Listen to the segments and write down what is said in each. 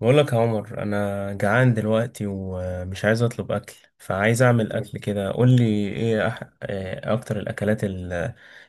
بقول لك يا عمر، انا جعان دلوقتي ومش عايز اطلب اكل، فعايز اعمل اكل كده. قول لي ايه، إيه اكتر الاكلات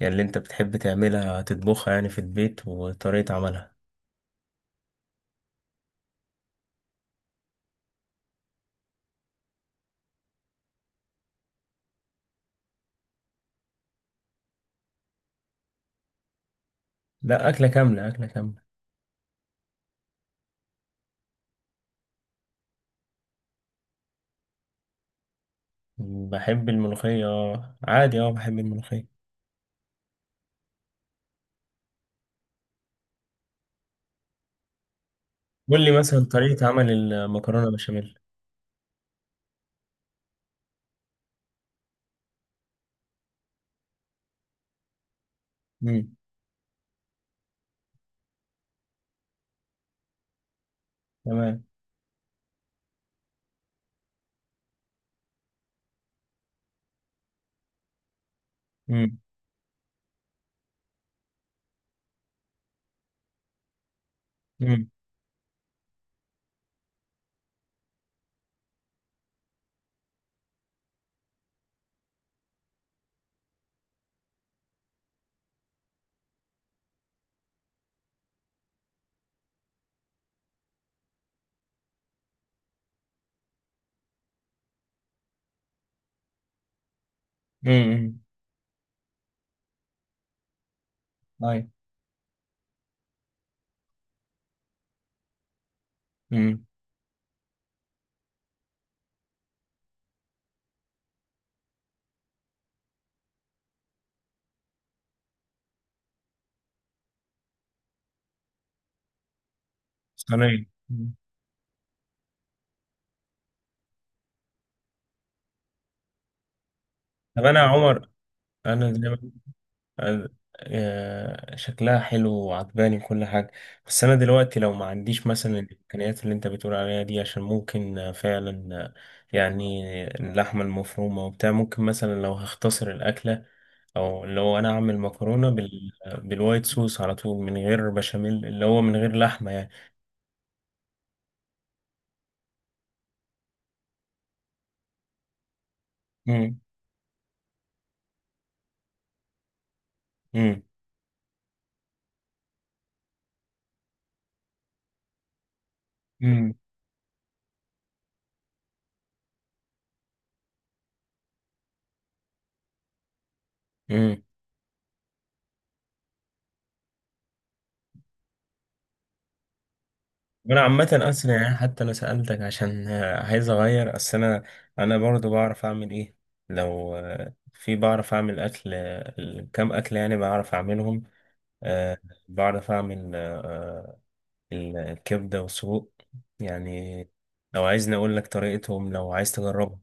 يعني اللي انت بتحب تعملها تطبخها يعني في البيت وطريقة عملها. لا، اكلة كاملة اكلة كاملة. بحب الملوخية، آه، عادي، اه بحب الملوخية. قول لي مثلا طريقة عمل المكرونة بشاميل. امم. تمام. امم. امم. امم. امم. أيوة. امم. صينية. مم. طب انا يا عمر، انا زي ما شكلها حلو وعجباني كل حاجة. بس أنا دلوقتي لو ما عنديش مثلا الإمكانيات اللي أنت بتقول عليها دي، عشان ممكن فعلا يعني اللحمة المفرومة وبتاع، ممكن مثلا لو هختصر الأكلة، أو لو أنا أعمل مكرونة بالوايت صوص على طول من غير بشاميل اللي هو من غير لحمة يعني. مم. مم. امم. مم. وانا عامة اصلا، يعني حتى انا سألتك عشان عايز اغير. اصل انا برضو بعرف اعمل ايه. لو في بعرف اعمل اكل، كام اكل يعني بعرف اعملهم. آه، بعرف اعمل الكبدة والسجق يعني. لو عايزني اقول لك طريقتهم، لو عايز تجربهم.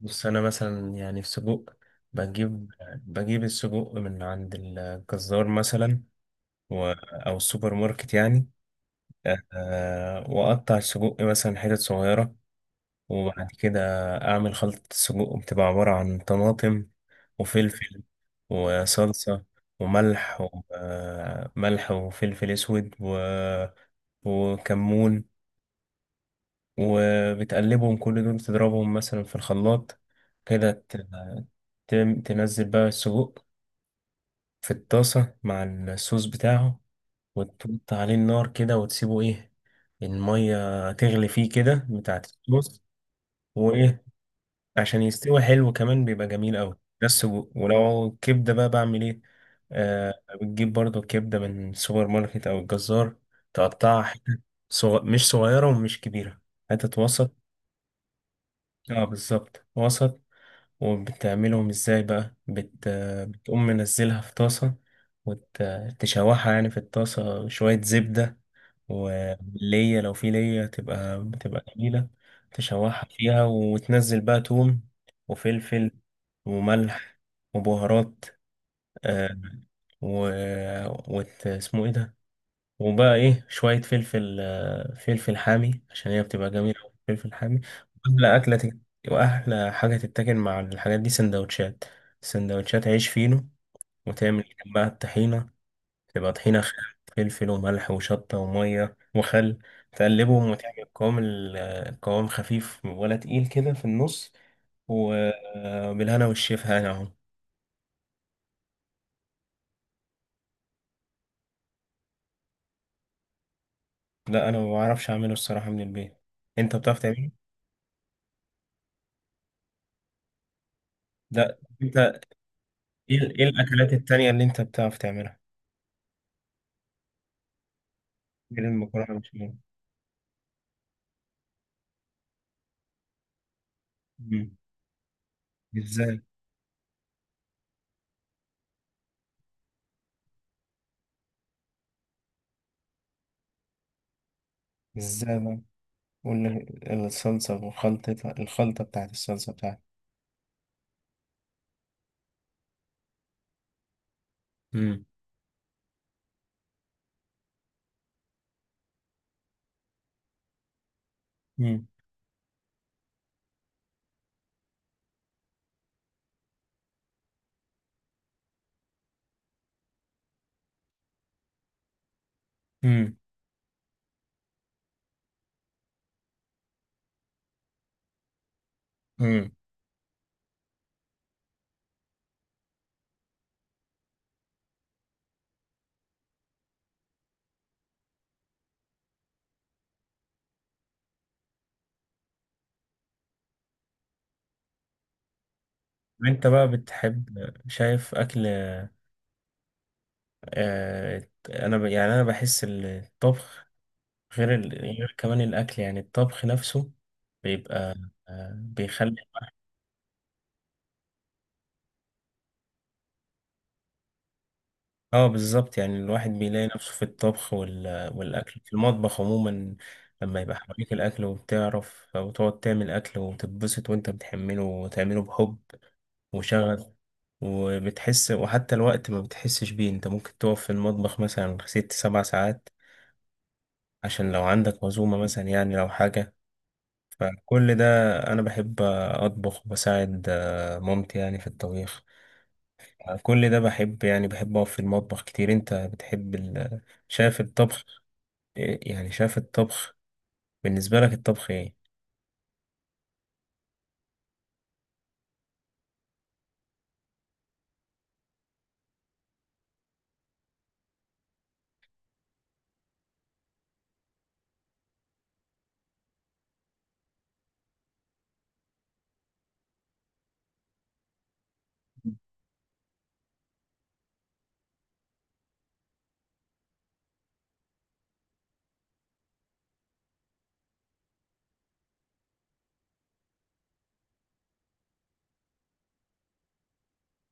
بص، انا مثلا يعني في سجق، بجيب السجق من عند الجزار مثلا، و- او السوبر ماركت يعني. وأقطع السجق مثلا حتت صغيرة، وبعد كده أعمل خلطة السجق، بتبقى عبارة عن طماطم وفلفل وصلصة وملح وملح وفلفل أسود وكمون. وبتقلبهم، كل دول تضربهم مثلا في الخلاط كده، تنزل بقى السجق في الطاسة مع الصوص بتاعه، وتحط عليه النار كده وتسيبه، إيه، المية تغلي فيه كده بتاعت الصوص. وايه؟ عشان يستوي حلو. كمان بيبقى جميل قوي. بس ولو كبده بقى، بعمل ايه؟ آه. بتجيب برضو كبده من السوبر ماركت او الجزار، تقطعها حتت، مش صغيره ومش كبيره، حتت وسط. اه بالظبط وسط. وبتعملهم ازاي بقى؟ بتقوم منزلها في طاسه، وتشوحها يعني في الطاسه شويه زبده. وليا، لو في ليا بتبقى جميلة، تشوحها فيها، وتنزل بقى توم وفلفل وملح وبهارات. آه و... اسمه ايه ده، وبقى ايه، شوية فلفل حامي عشان هي بتبقى جميلة أوي، فلفل حامي. وأحلى أكلة تت... وأحلى حاجة تتاكل مع الحاجات دي سندوتشات، سندوتشات عيش فينو. وتعمل جنبها الطحينة، تبقى طحينة خام، فلفل وملح وشطة ومية وخل، تقلبهم وتعمل قوام، القوام خفيف ولا تقيل كده في النص. وبالهنا والشفا يعني اهو. لا، انا ما بعرفش اعمله الصراحة من البيت. انت بتعرف تعمله؟ لا، انت إيه الاكلات التانية اللي انت بتعرف تعملها، غير المكرونة والبشاميل؟ مم. ازاي؟ ازاي بقى؟ قول لي، الصلصة وخلطتها، الخلطة بتاعت الصلصة بتاعتها. مم. مم. مم. انت بقى بتحب، شايف اكل، انا يعني انا بحس الطبخ، غير كمان الاكل، يعني الطبخ نفسه بيبقى، بيخلي. اه بالظبط، يعني الواحد بيلاقي نفسه في الطبخ والاكل في المطبخ عموما. لما يبقى حواليك الاكل وبتعرف، او تقعد تعمل اكل وتتبسط وانت بتحمله وتعمله بحب وشغف، وبتحس، وحتى الوقت ما بتحسش بيه، انت ممكن تقف في المطبخ مثلا 6 7 ساعات، عشان لو عندك عزومة مثلا يعني لو حاجة. فكل ده، أنا بحب أطبخ وبساعد مامتي يعني في الطبيخ. كل ده بحب، يعني بحب أقف في المطبخ كتير. أنت بتحب شايف الطبخ، يعني شايف الطبخ بالنسبة لك الطبخ إيه؟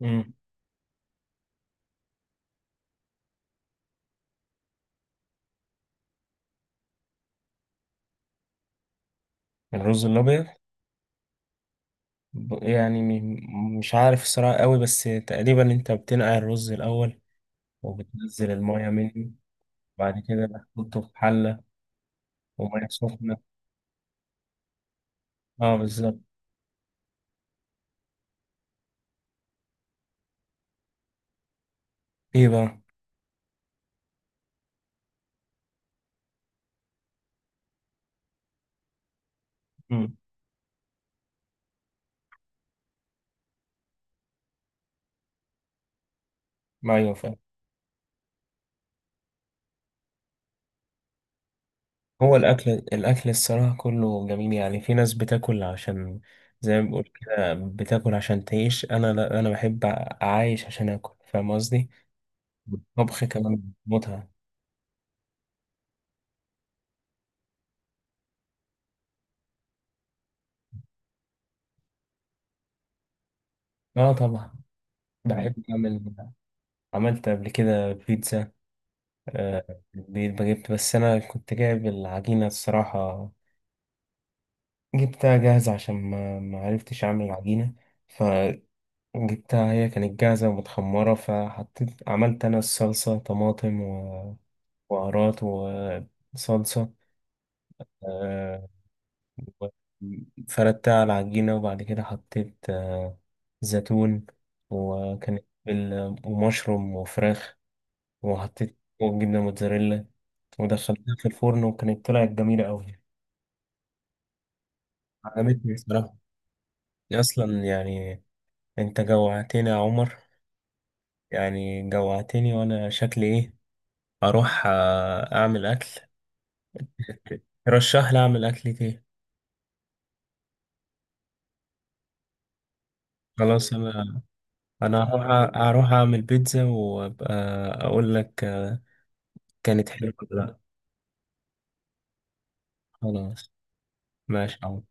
مم. الرز الأبيض. يعني مش عارف الصراحة قوي، بس تقريبا أنت بتنقع الرز الأول وبتنزل المية منه، بعد كده بتحطه في حلة، ومية سخنة. اه بالظبط. ايه بقى؟ مم. ايوه فاهم. هو الأكل الصراحة كله جميل. يعني في ناس بتاكل عشان، زي ما بقول كده، بتاكل عشان تعيش. أنا لا، أنا بحب أعايش عشان آكل، فاهم قصدي؟ الطبخ كمان متعة. آه، طبعا بحب أعمل. عملت قبل كده بيتزا في البيت، بجبت، بس أنا كنت جايب العجينة الصراحة. جبتها جاهزة عشان ما عرفتش أعمل العجينة، فجبتها، هي كانت جاهزة ومتخمرة، فحطيت عملت أنا الصلصة، طماطم، بهارات وصلصة، آه، وفردتها على العجينة. وبعد كده حطيت زيتون. وكانت ومشروم وفراخ، وحطيت جبنة موتزاريلا ودخلتها في الفرن، وكانت طلعت جميلة أوي. عجبتني بصراحة، أصلا يعني. أنت جوعتني يا عمر، يعني جوعتني، وأنا شكلي إيه، أروح أعمل أكل. رشح لي أعمل أكلة إيه؟ خلاص، أنا انا هروح هروح اعمل بيتزا، وابقى اقول لك كانت حلوة ولا لا. خلاص ماشي.